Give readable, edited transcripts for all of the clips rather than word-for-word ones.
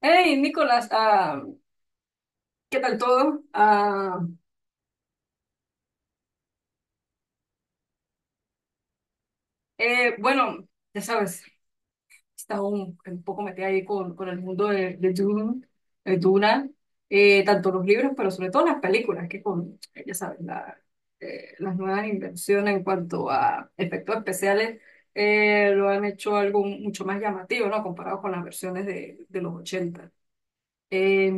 Hey, Nicolás, ¿qué tal todo? Bueno, ya sabes, está un poco metida ahí con el mundo de Dune, Duna, tanto los libros, pero sobre todo las películas, que con, ya sabes, las nuevas invenciones en cuanto a efectos especiales lo han hecho algo mucho más llamativo, ¿no? Comparado con las versiones de los ochenta. Eh,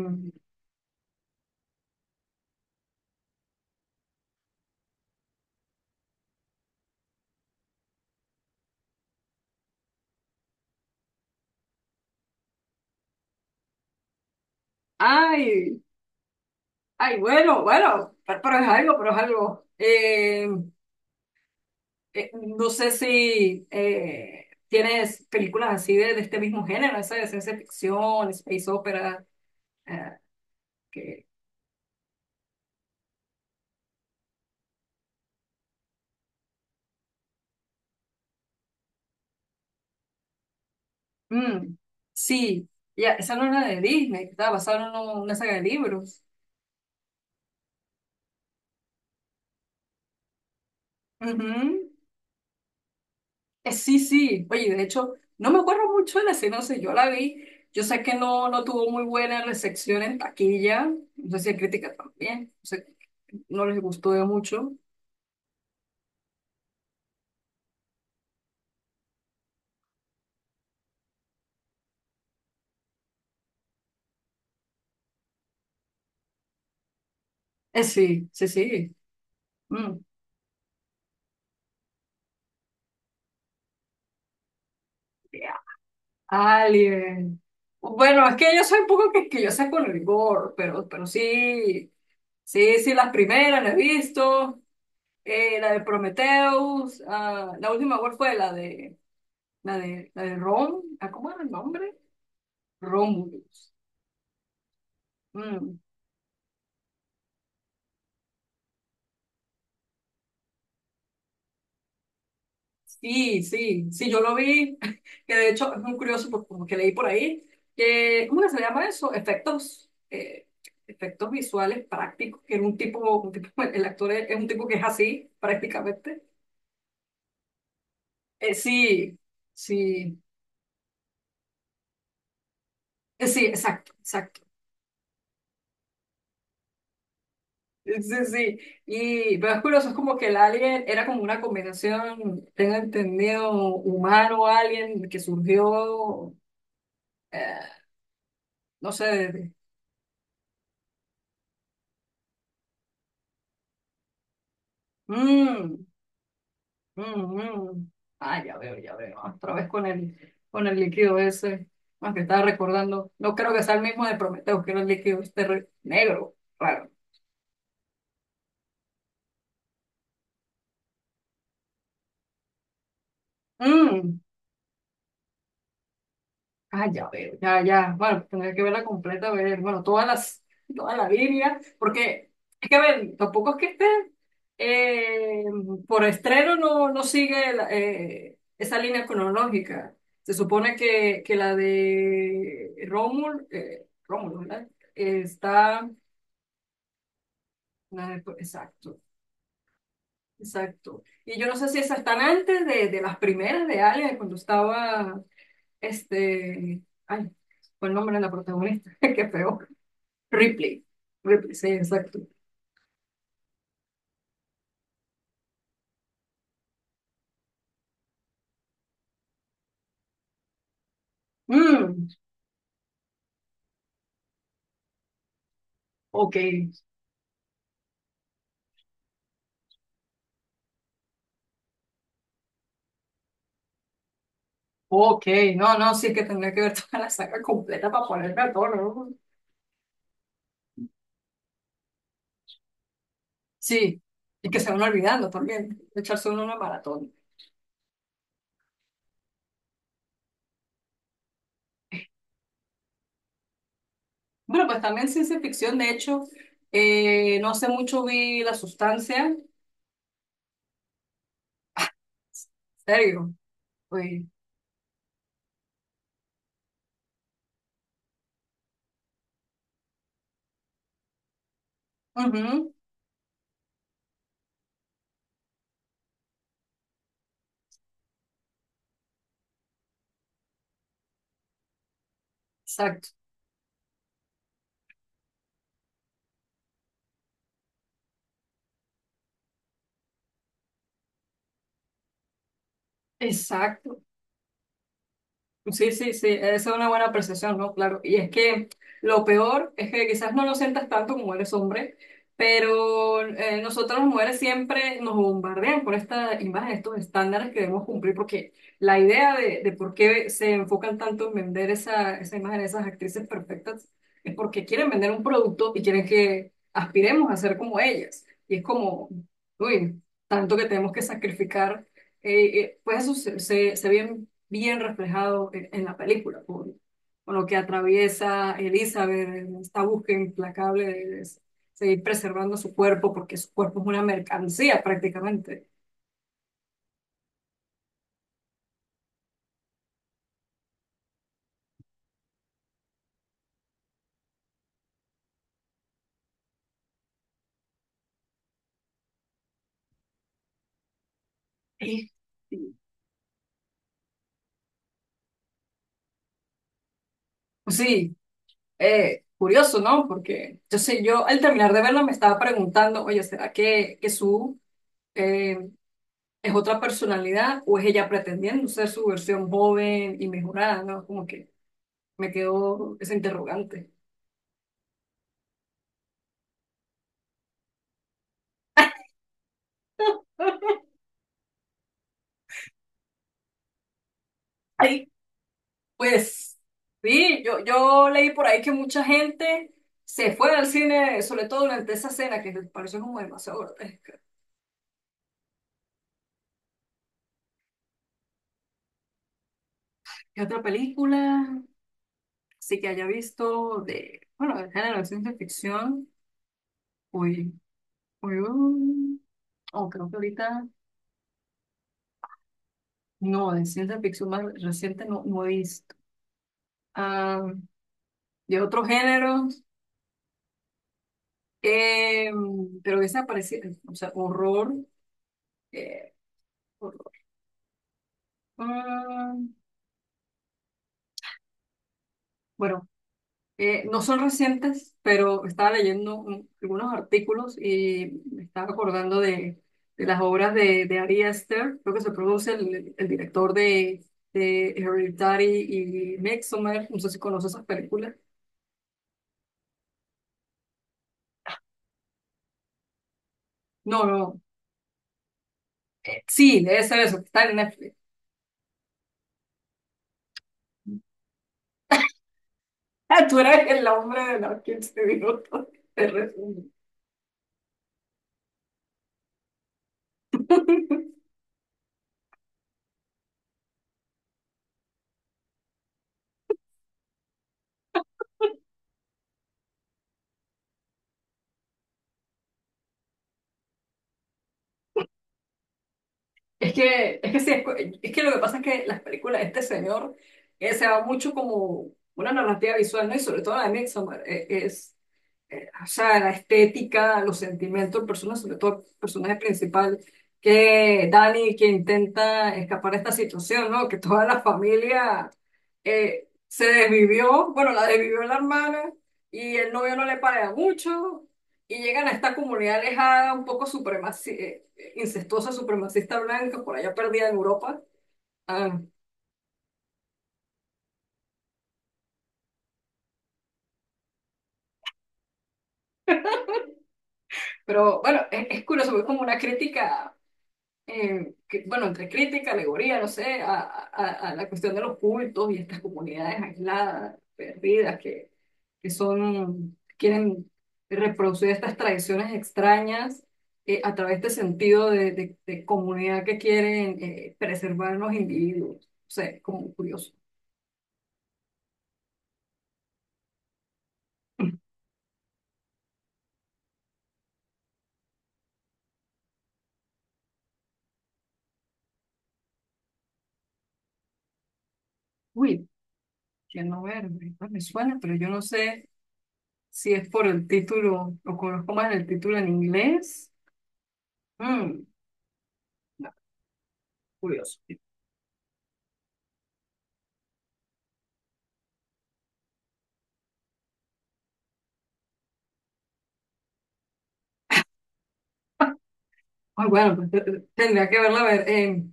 Ay, ay, bueno, bueno, pero es algo, pero es algo. Eh, no sé si tienes películas así de este mismo género, esa de ciencia ficción, space opera, eh, que mm, sí, ya, esa no es la de Disney, que estaba basada en una saga de libros. Ujú. Sí, sí, oye, de hecho, no me acuerdo mucho de la sinopsis, yo la vi, yo sé que no tuvo muy buena recepción en taquilla, no sé si en crítica también, no sé, no les gustó de mucho. Sí, sí, sí. Mm. Alien. Bueno, es que yo soy un poco quisquillosa con el gore, pero sí, sí, sí, las primeras las he visto. La de Prometheus, la última cuál fue la de Rom, ¿cómo era el nombre? Romulus. Mm. Sí, sí, sí, yo lo vi, que de hecho es muy curioso porque leí por ahí, que, ¿cómo que se llama eso? Efectos, efectos visuales prácticos, que era un tipo, el actor es un tipo que es así prácticamente. Sí, sí, sí, exacto, exacto. Sí, sí, y pero es curioso, es como que el alien era como una combinación, tengo entendido, humano-alien que surgió, eh, no sé. Mm. Mm, mm. Ah, ya veo, ya veo. Otra vez con el líquido ese. Más que estaba recordando. No creo que sea el mismo de Prometeo, que era el líquido este negro. Claro. Mm. Ah, ya veo, ya, ya. Bueno, tendría que verla completa, ver, bueno, toda la Biblia, porque es que, a ver, tampoco es que esté. Eh, por estreno no sigue esa línea cronológica. Se supone que la de Rómulo, ¿verdad? Está. Exacto, exacto. Y yo no sé si esas están antes de las primeras de Alien, cuando estaba, ay, fue el nombre de la protagonista, qué feo. Ripley, Ripley, sí, exacto. Mm, ok, Ok, no, no, sí que tendría que ver toda la saga completa para ponerme a tono, ¿no? Sí, y que se van olvidando también, echarse uno una maratón. Bueno, pues también ciencia ficción, de hecho, no hace mucho vi La Sustancia, serio, uy, ujú, exacto, exacto. Sí, sí, sí, esa es una buena percepción, ¿no? Claro. Y es que lo peor es que quizás no lo sientas tanto como eres hombre, pero nosotros las mujeres siempre nos bombardean por esta imagen, estos estándares que debemos cumplir, porque la idea de por qué se enfocan tanto en vender esa imagen de esas actrices perfectas es porque quieren vender un producto y quieren que aspiremos a ser como ellas. Y es como, uy, tanto que tenemos que sacrificar. Pues eso se ve bien bien reflejado en la película, con lo que atraviesa Elizabeth, en esta búsqueda implacable de seguir preservando su cuerpo, porque su cuerpo es una mercancía prácticamente. Sí. Sí, curioso, ¿no? Porque yo sé, yo al terminar de verla me estaba preguntando, oye, ¿será que Sue eh, es otra personalidad o es ella pretendiendo ser su versión joven y mejorada, ¿no? Como que me quedó ese interrogante. Pues sí, yo leí por ahí que mucha gente se fue al cine, sobre todo durante esa escena, que me pareció como demasiado grotesca. ¿Qué otra película? Sí que haya visto de, bueno, del género de ciencia ficción. Uy, uy, uy. Oh, creo que ahorita, no, de ciencia ficción más reciente no he visto. Ah, de otro género, eh, pero esa parecía, o sea, horror. eh, Horror. Ah, bueno. No son recientes, pero estaba leyendo algunos artículos y me estaba acordando de las obras de Ari Aster, creo que se produce el director de Hereditary y Midsommar, no sé si conoces esas películas. No, no, sí, debe ser eso, que está en Netflix. Ah, tú eres el hombre de los 15 minutos, te resumo. Es que sí, es que lo que pasa es que las películas de este señor se va mucho como una narrativa visual, ¿no? Y sobre todo la de Midsommar, o sea, la estética, los sentimientos, personas, sobre todo el personaje principal, que Dani, que intenta escapar de esta situación, ¿no? Que toda la familia se desvivió, bueno, la desvivió la hermana y el novio no le paga mucho, y llegan a esta comunidad alejada, un poco supremaci incestuosa, supremacista blanca, por allá perdida en Europa. Ah, pero bueno, es curioso, es como una crítica, bueno, entre crítica, alegoría, no sé, a la cuestión de los cultos y estas comunidades aisladas, perdidas, que son, quieren reproducir estas tradiciones extrañas. A través de este sentido de comunidad que quieren preservar los individuos. O sea, es como curioso. Uy, no Verde, pues me suena, pero yo no sé si es por el título, o conozco más el título en inglés. Mm, no, curioso. Ay, bueno, pues, tendría que verla a ver.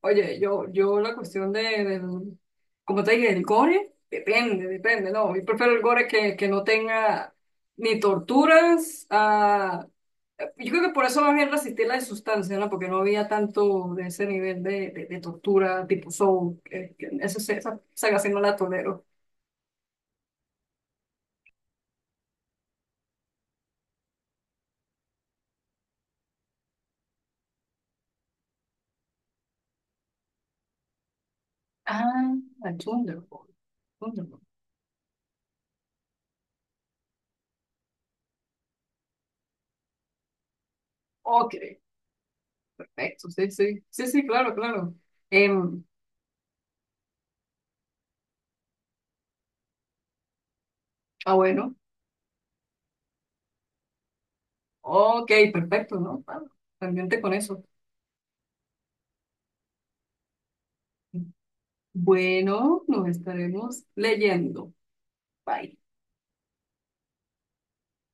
Oye, yo la cuestión del, como te dije, el gore, depende, depende, no, yo prefiero el gore que no tenga ni torturas. Yo creo que por eso más bien resistí la de sustancia, ¿no? Porque no había tanto de ese nivel de tortura tipo Soul. Esa saga sí no la tolero. Ah, Thunderbolt. Thunderbolt. Ok, perfecto. Sí, sí. Sí, sí, claro, claro. Em, bueno. Ok, perfecto, ¿no? Pendiente con eso. Bueno, nos estaremos leyendo. Bye.